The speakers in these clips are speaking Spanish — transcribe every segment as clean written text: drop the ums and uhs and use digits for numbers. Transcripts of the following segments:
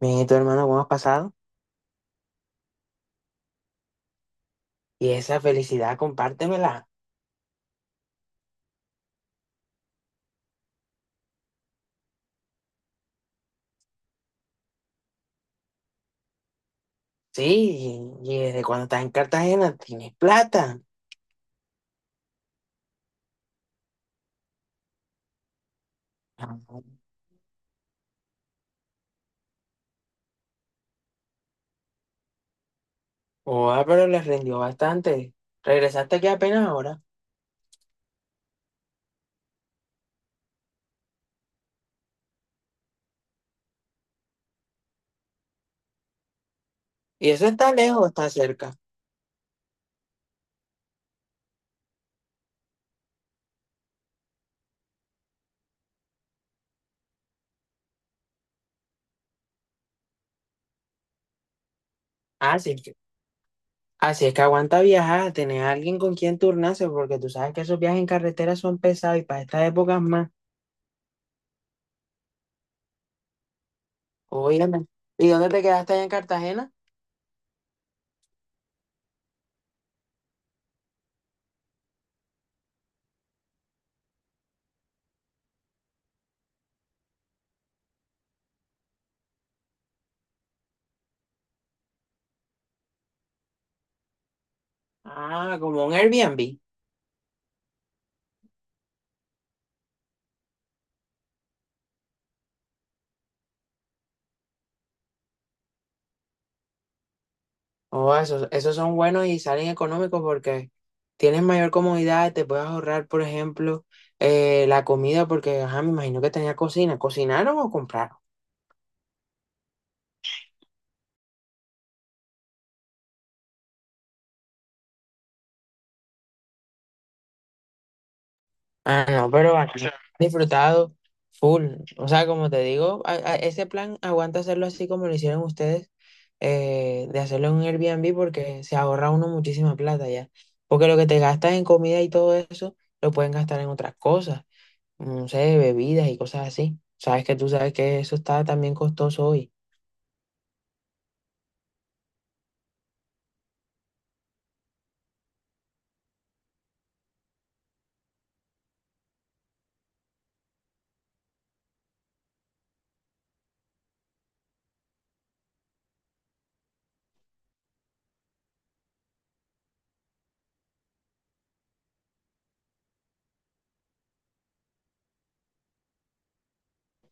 Mijito hermano, ¿cómo has pasado? Y esa felicidad, compártemela. Sí, y desde cuando estás en Cartagena tienes plata. Ah. Oa, pero les rindió bastante. Regresaste aquí apenas ahora. Y eso está lejos, está cerca. Así que, así es que aguanta viajar, tener a alguien con quien turnarse, porque tú sabes que esos viajes en carretera son pesados y para estas épocas más. Óyeme. ¿Y dónde te quedaste allá en Cartagena? Ah, como un Airbnb. Oh, esos, esos son buenos y salen económicos porque tienes mayor comodidad, te puedes ahorrar, por ejemplo, la comida, porque, ajá, me imagino que tenía cocina. ¿Cocinaron o compraron? Ah, no, pero aquí he disfrutado full. O sea, como te digo, ese plan aguanta hacerlo así como lo hicieron ustedes, de hacerlo en un Airbnb porque se ahorra uno muchísima plata ya. Porque lo que te gastas en comida y todo eso, lo pueden gastar en otras cosas. No sé, bebidas y cosas así. Sabes que tú sabes que eso está también costoso hoy.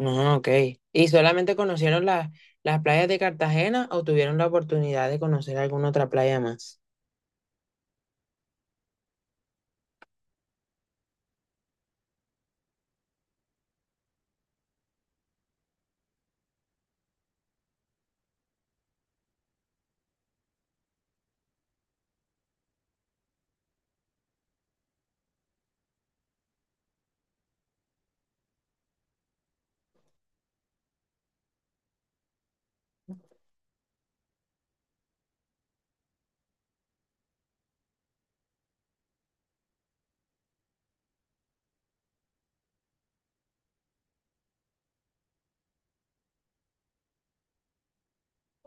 Ah, ok. ¿Y solamente conocieron las playas de Cartagena o tuvieron la oportunidad de conocer alguna otra playa más?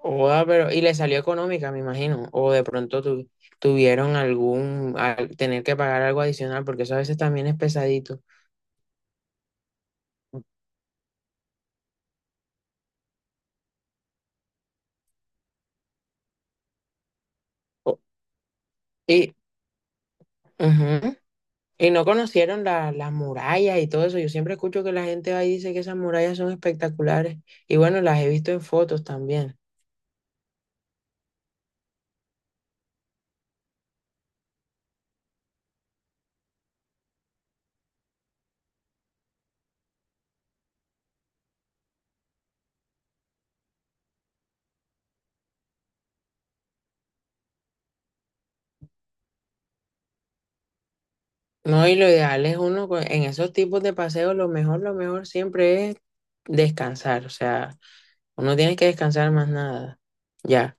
Oa, pero, y le salió económica, me imagino. O de pronto tuvieron algún, tener que pagar algo adicional, porque eso a veces también es pesadito. O- y, ujú. Y no conocieron las murallas y todo eso. Yo siempre escucho que la gente va y dice que esas murallas son espectaculares. Y bueno, las he visto en fotos también. No, y lo ideal es uno en esos tipos de paseos, lo mejor siempre es descansar. O sea, uno tiene que descansar más nada. Ya.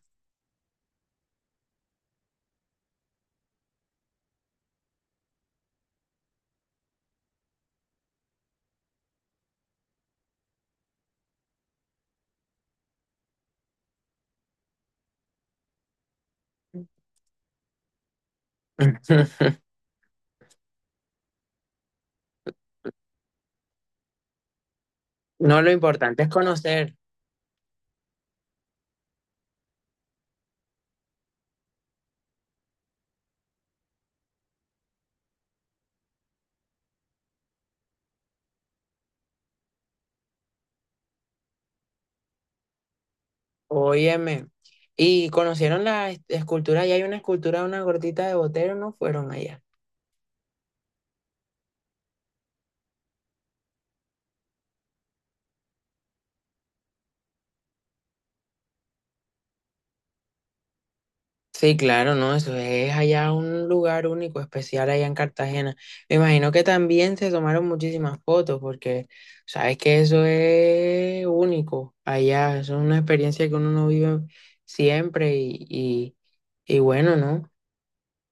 No, lo importante es conocer. Óyeme. Y conocieron la escultura, y hay una escultura de una gordita de Botero, ¿no fueron allá? Sí, claro, ¿no? Eso es allá un lugar único, especial allá en Cartagena. Me imagino que también se tomaron muchísimas fotos porque sabes que eso es único allá, eso es una experiencia que uno no vive siempre y bueno, ¿no?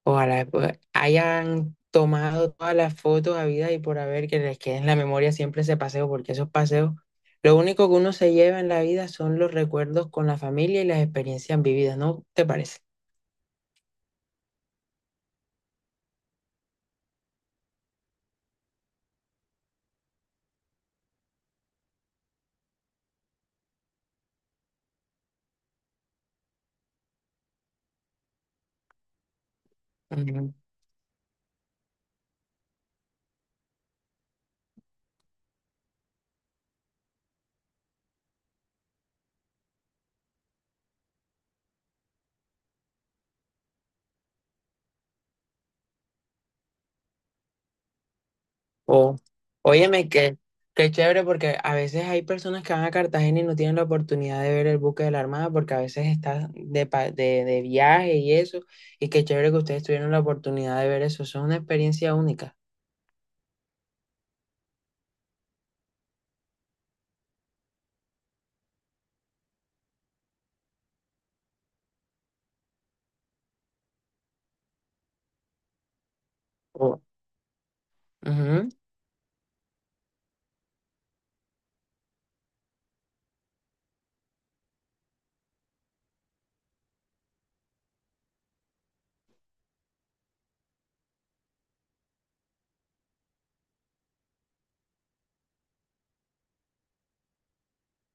Ojalá pues, hayan tomado todas las fotos habidas y por haber que les quede en la memoria siempre ese paseo porque esos paseos, lo único que uno se lleva en la vida son los recuerdos con la familia y las experiencias vividas, ¿no te parece? Oh, óyeme, qué chévere porque a veces hay personas que van a Cartagena y no tienen la oportunidad de ver el buque de la Armada porque a veces está de viaje y eso. Y qué chévere que ustedes tuvieron la oportunidad de ver eso. Eso es una experiencia única. Oh, ujú,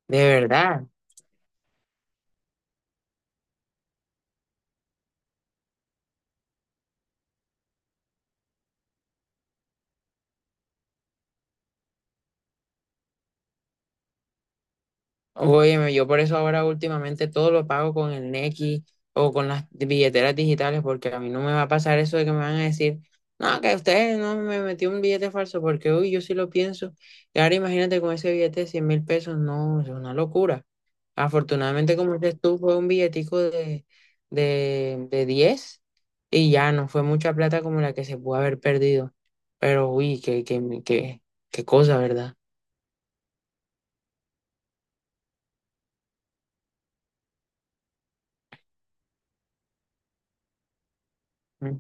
de verdad. Óyeme, yo por eso ahora últimamente todo lo pago con el Nequi o con las billeteras digitales, porque a mí no me va a pasar eso de que me van a decir, no, que usted no me metió un billete falso, porque uy, yo sí lo pienso. Y ahora imagínate con ese billete de 100 mil pesos, no, es una locura. Afortunadamente, como dices tú, fue un billetico de 10 y ya no fue mucha plata como la que se pudo haber perdido. Pero uy, qué cosa, ¿verdad? Mm.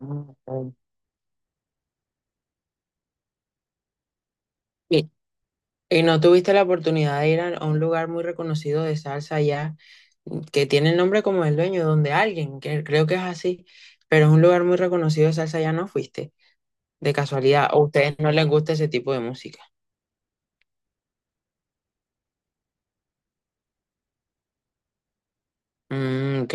Mm. ¿Y no tuviste la oportunidad de ir a un lugar muy reconocido de salsa allá, mm, que tiene el nombre como el dueño, donde alguien, que creo que es así, pero es un lugar muy reconocido de salsa, ya no fuiste, de casualidad, o a ustedes no les gusta ese tipo de música? Mm, ok.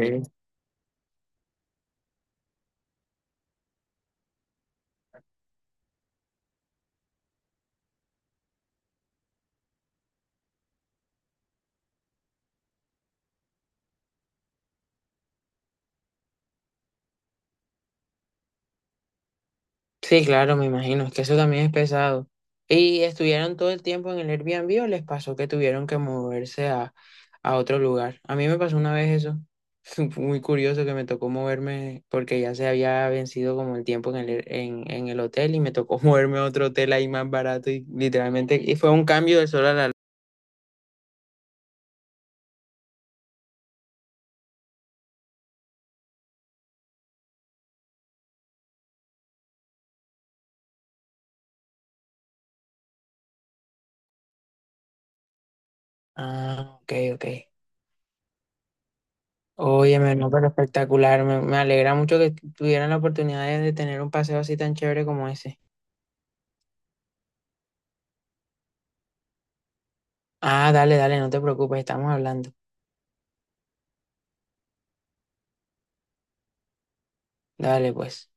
Sí, claro, me imagino, es que eso también es pesado. ¿Y estuvieron todo el tiempo en el Airbnb o les pasó que tuvieron que moverse a otro lugar? A mí me pasó una vez eso. Fue muy curioso que me tocó moverme porque ya se había vencido como el tiempo en el, en el hotel y me tocó moverme a otro hotel ahí más barato y literalmente y fue un cambio del sol a la... Ah, ok, ok. Óyeme, no, pero espectacular. Me alegra mucho que tuvieran la oportunidad de tener un paseo así tan chévere como ese. Ah, dale, dale, no te preocupes, estamos hablando. Dale, pues.